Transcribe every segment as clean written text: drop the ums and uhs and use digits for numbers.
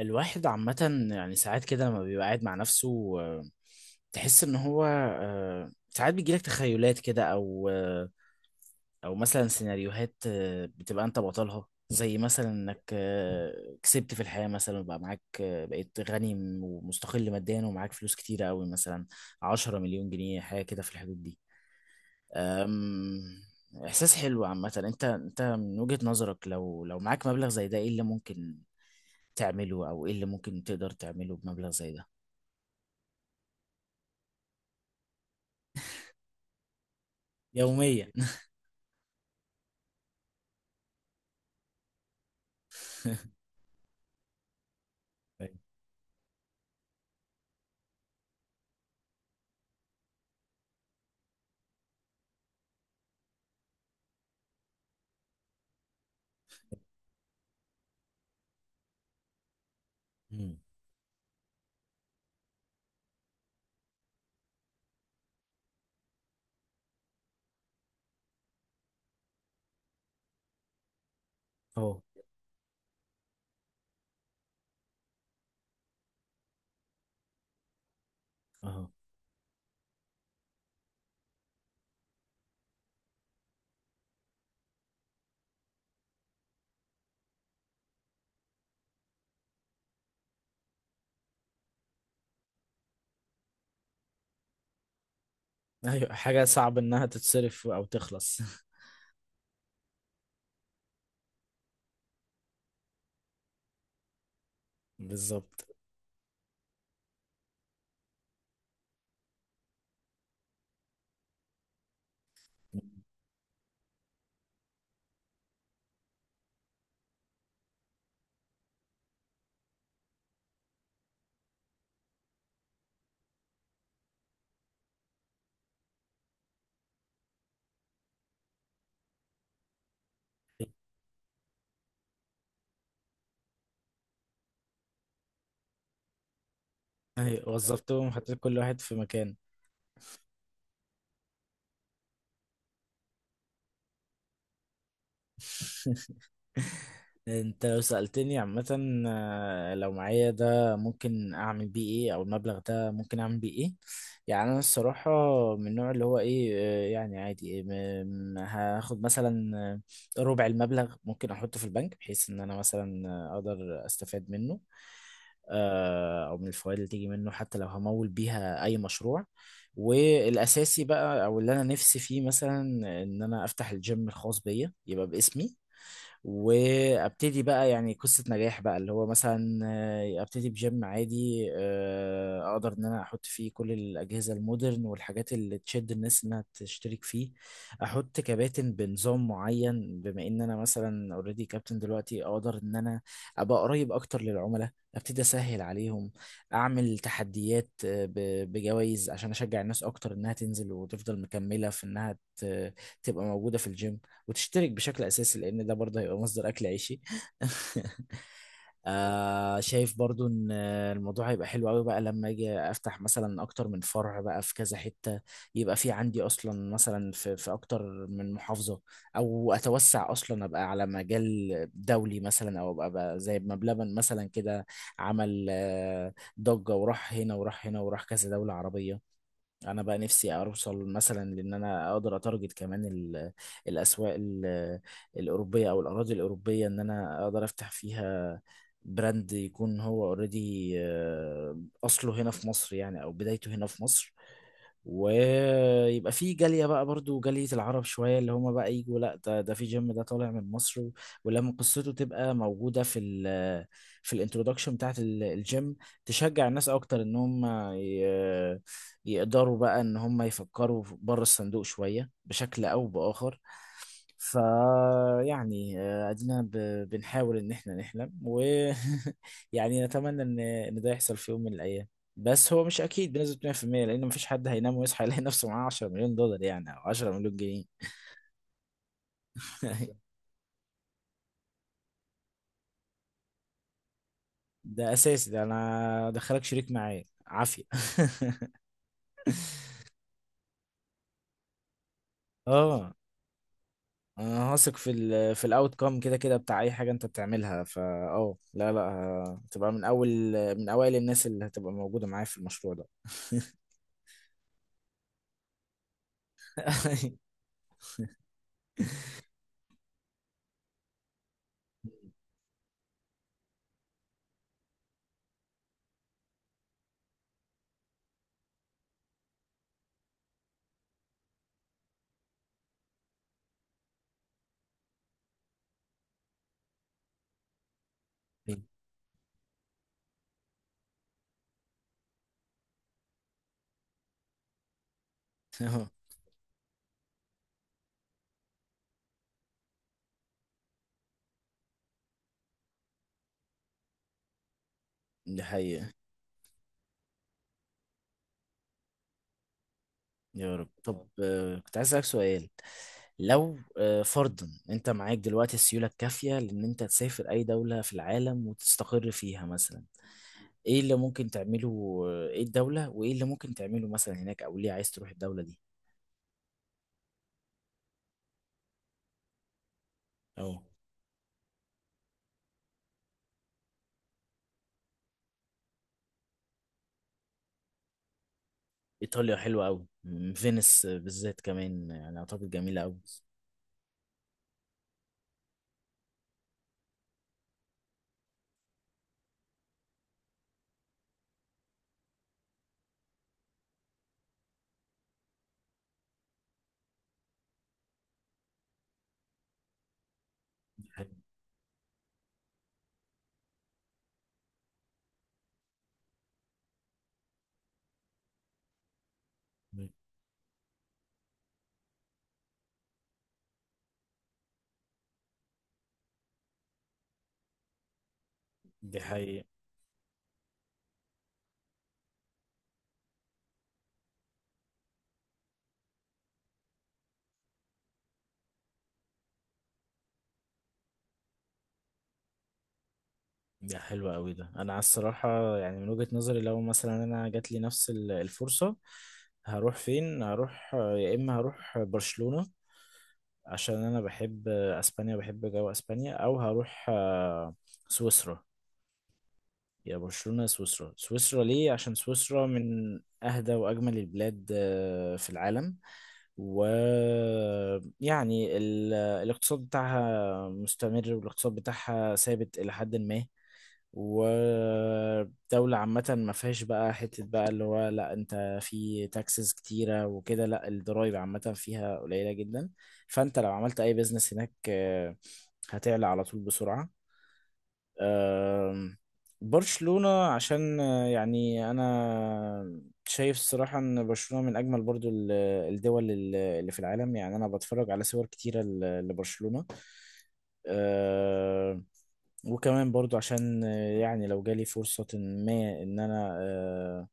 الواحد عامة يعني ساعات كده لما بيبقى قاعد مع نفسه تحس ان هو ساعات بيجيلك تخيلات كده او مثلا سيناريوهات بتبقى انت بطلها زي مثلا انك كسبت في الحياة مثلا وبقى معاك بقيت غني ومستقل ماديا ومعاك فلوس كتيرة قوي مثلا 10 مليون جنيه حاجة كده في الحدود دي. أم، إحساس حلو عامة. أنت من وجهة نظرك لو معاك مبلغ زي ده إيه اللي ممكن تعمله او ايه اللي ممكن تقدر تعمله بمبلغ زي ده؟ يوميا. أيوة. مم. اهو، اهو. ايوه، حاجة صعب انها تتصرف او تخلص. بالظبط. ايوه، وظفتهم وحطيت كل واحد في مكان. انت لو سألتني عامة لو معايا ده ممكن اعمل بيه ايه او المبلغ ده ممكن اعمل بيه ايه؟ يعني انا الصراحة من النوع اللي هو ايه يعني عادي، هاخد مثلا ربع المبلغ ممكن احطه في البنك بحيث ان انا مثلا اقدر استفاد منه او من الفوائد اللي تيجي منه، حتى لو همول بيها اي مشروع. والاساسي بقى او اللي انا نفسي فيه مثلا ان انا افتح الجيم الخاص بيا يبقى باسمي، وابتدي بقى يعني قصة نجاح بقى اللي هو مثلا ابتدي بجيم عادي اقدر ان انا احط فيه كل الاجهزة المودرن والحاجات اللي تشد الناس انها تشترك فيه. احط كباتن بنظام معين، بما ان انا مثلا اوريدي كابتن دلوقتي اقدر ان انا ابقى قريب اكتر للعملاء، ابتدي اسهل عليهم، اعمل تحديات بجوائز عشان اشجع الناس اكتر انها تنزل وتفضل مكملة في انها تبقى موجودة في الجيم وتشترك بشكل اساسي، لان ده برضه هيبقى مصدر اكل عيشي. شايف برضه ان الموضوع هيبقى حلو قوي بقى لما اجي افتح مثلا اكتر من فرع بقى في كذا حتة، يبقى في عندي اصلا مثلا في اكتر من محافظة، او اتوسع اصلا ابقى على مجال دولي مثلا، او ابقى بقى زي ما بلبن مثلا كده عمل ضجة وراح هنا وراح هنا وراح كذا دولة عربية. انا بقى نفسي اوصل مثلا لان انا اقدر اتارجت كمان الاسواق الاوروبيه او الاراضي الاوروبيه، ان انا اقدر افتح فيها براند يكون هو اوريدي اصله هنا في مصر، يعني او بدايته هنا في مصر، ويبقى في جالية بقى، برضو جالية العرب شوية اللي هما بقى يجوا: لا، ده في جيم ده طالع من مصر. ولما قصته تبقى موجودة في في الانترودكشن بتاعت الجيم، تشجع الناس أكتر إن هم ي- يقدروا بقى إن هم يفكروا بره الصندوق شوية بشكل أو بآخر. فيعني ادينا بنحاول ان احنا نحلم ويعني نتمنى ان ده يحصل في يوم من الايام، بس هو مش اكيد بنسبه 100% لان مفيش حد هينام ويصحى يلاقي نفسه معاه 10 مليون دولار يعني او 10 مليون جنيه. ده اساسي، ده انا دخلك شريك معايا عافيه. اه، انا هثق في في الاوت كام، كده كده بتاع اي حاجه انت بتعملها. فا اه لا، لا، هتبقى من اوائل الناس اللي هتبقى موجوده معايا في المشروع ده. أيوة. أه، دي حقيقه. يا رب. طب، كنت عايز اسالك سؤال. لو فرضا انت معاك دلوقتي السيوله الكافيه لان انت تسافر اي دوله في العالم وتستقر فيها مثلا، ايه اللي ممكن تعمله، ايه الدوله وايه اللي ممكن تعمله مثلا هناك، او ليه عايز تروح الدوله دي؟ اه. ايطاليا حلوه قوي، فينيس بالذات كمان، يعني اعتقد جميله قوي. دي حقيقة. ده حلو قوي. ده انا على الصراحه، يعني من وجهه نظري لو مثلا انا جات لي نفس الفرصه هروح فين؟ هروح يا اما هروح برشلونه عشان انا بحب اسبانيا، بحب جو اسبانيا، او هروح سويسرا. يا برشلونه يا سويسرا. سويسرا ليه؟ عشان سويسرا من اهدى واجمل البلاد في العالم، ويعني الاقتصاد بتاعها مستمر والاقتصاد بتاعها ثابت إلى حد ما، ودولة عامة ما فيهاش بقى حتة بقى اللي هو لا انت في تاكسز كتيرة وكده، لا الضرايب عامة فيها قليلة جدا. فانت لو عملت اي بيزنس هناك هتعلى على طول بسرعة. آم، برشلونة عشان يعني أنا شايف الصراحة إن برشلونة من أجمل برضو الدول اللي في العالم، يعني أنا بتفرج على صور كتيرة لبرشلونة. آه، وكمان برضو عشان يعني لو جالي فرصة ما إن أنا آه،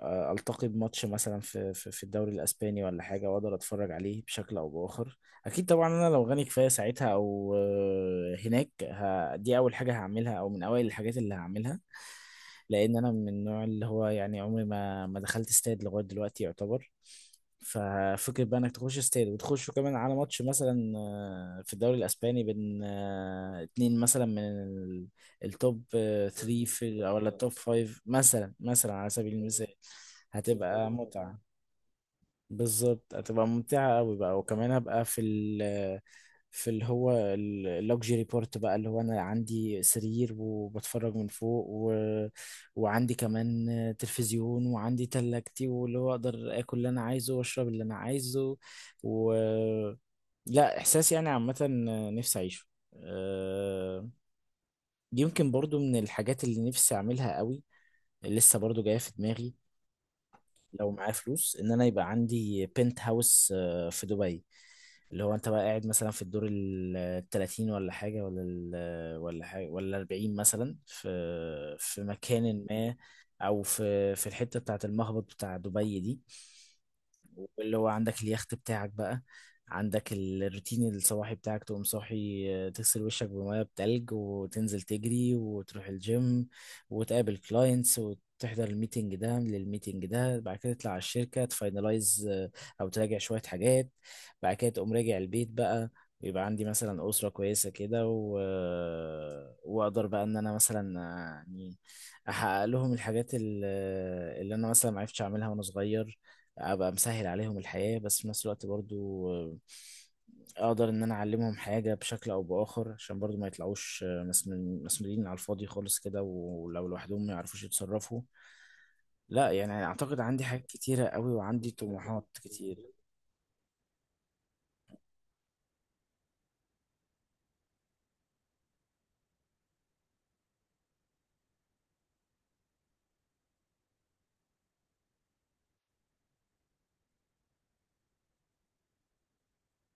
آه، التقي بماتش مثلا في الدوري الاسباني ولا حاجه، واقدر اتفرج عليه بشكل او باخر. اكيد طبعا انا لو غني كفايه ساعتها او هناك، دي اول حاجه هعملها او من اوائل الحاجات اللي هعملها، لان انا من النوع اللي هو، يعني عمري ما دخلت استاد لغايه دلوقتي يعتبر. ففكرة بقى انك تخش استاد وتخش كمان على ماتش مثلا في الدوري الاسباني بين اتنين مثلا من التوب 3 في او التوب 5 مثلا على سبيل المثال، هتبقى متعة. بالظبط، هتبقى ممتعة قوي بقى. وكمان هبقى في ال في اللي هو اللوكجري بورت بقى، اللي هو انا عندي سرير وبتفرج من فوق، وعندي كمان تلفزيون وعندي تلاجتي، واللي هو اقدر اكل اللي انا عايزه واشرب اللي انا عايزه. و لا، احساس يعني عامة نفسي اعيشه. آه، يمكن برضو من الحاجات اللي نفسي اعملها قوي لسه برضو جاية في دماغي، لو معايا فلوس، ان انا يبقى عندي بنت هاوس في دبي، اللي هو انت بقى قاعد مثلا في الدور ال 30 ولا حاجة ولا 40 مثلا في مكان ما، او في الحتة بتاعة المهبط بتاع دبي دي، واللي هو عندك اليخت بتاعك بقى، عندك الروتين الصباحي بتاعك تقوم صاحي تغسل وشك بميه بتلج وتنزل تجري وتروح الجيم وتقابل كلاينتس وتحضر الميتنج ده للميتنج ده، بعد كده تطلع على الشركة تفاينلايز أو تراجع شوية حاجات، بعد كده تقوم راجع البيت بقى، ويبقى عندي مثلا أسرة كويسة كده، و... آه، وأقدر بقى إن أنا مثلا يعني أحقق لهم الحاجات اللي أنا مثلا معرفتش أعملها وأنا صغير، ابقى مسهل عليهم الحياة، بس في نفس الوقت برضو اقدر ان انا اعلمهم حاجة بشكل او باخر عشان برضو ما يطلعوش مسنودين على الفاضي خالص كده، ولو لوحدهم ما يعرفوش يتصرفوا. لا، يعني اعتقد عندي حاجات كتيرة قوي وعندي طموحات كتير.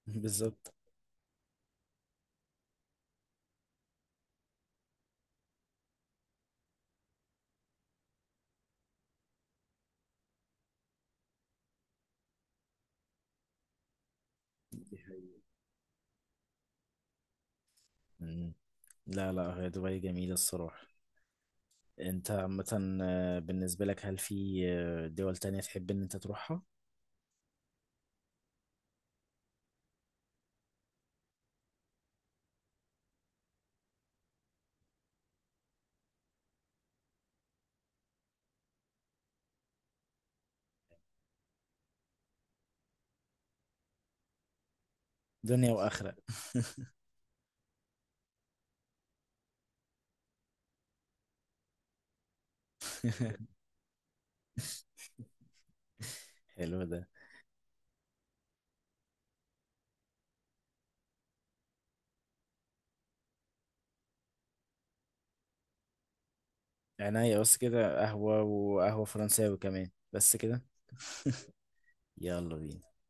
بالظبط. مم. لا، لا، هي دبي جميلة الصراحة. انت عامة بالنسبة لك هل في دول تانية تحب ان انت تروحها؟ دنيا واخرة. حلو ده. عناية بس كده، قهوة، وقهوة فرنساوي كمان بس كده. يلا بينا.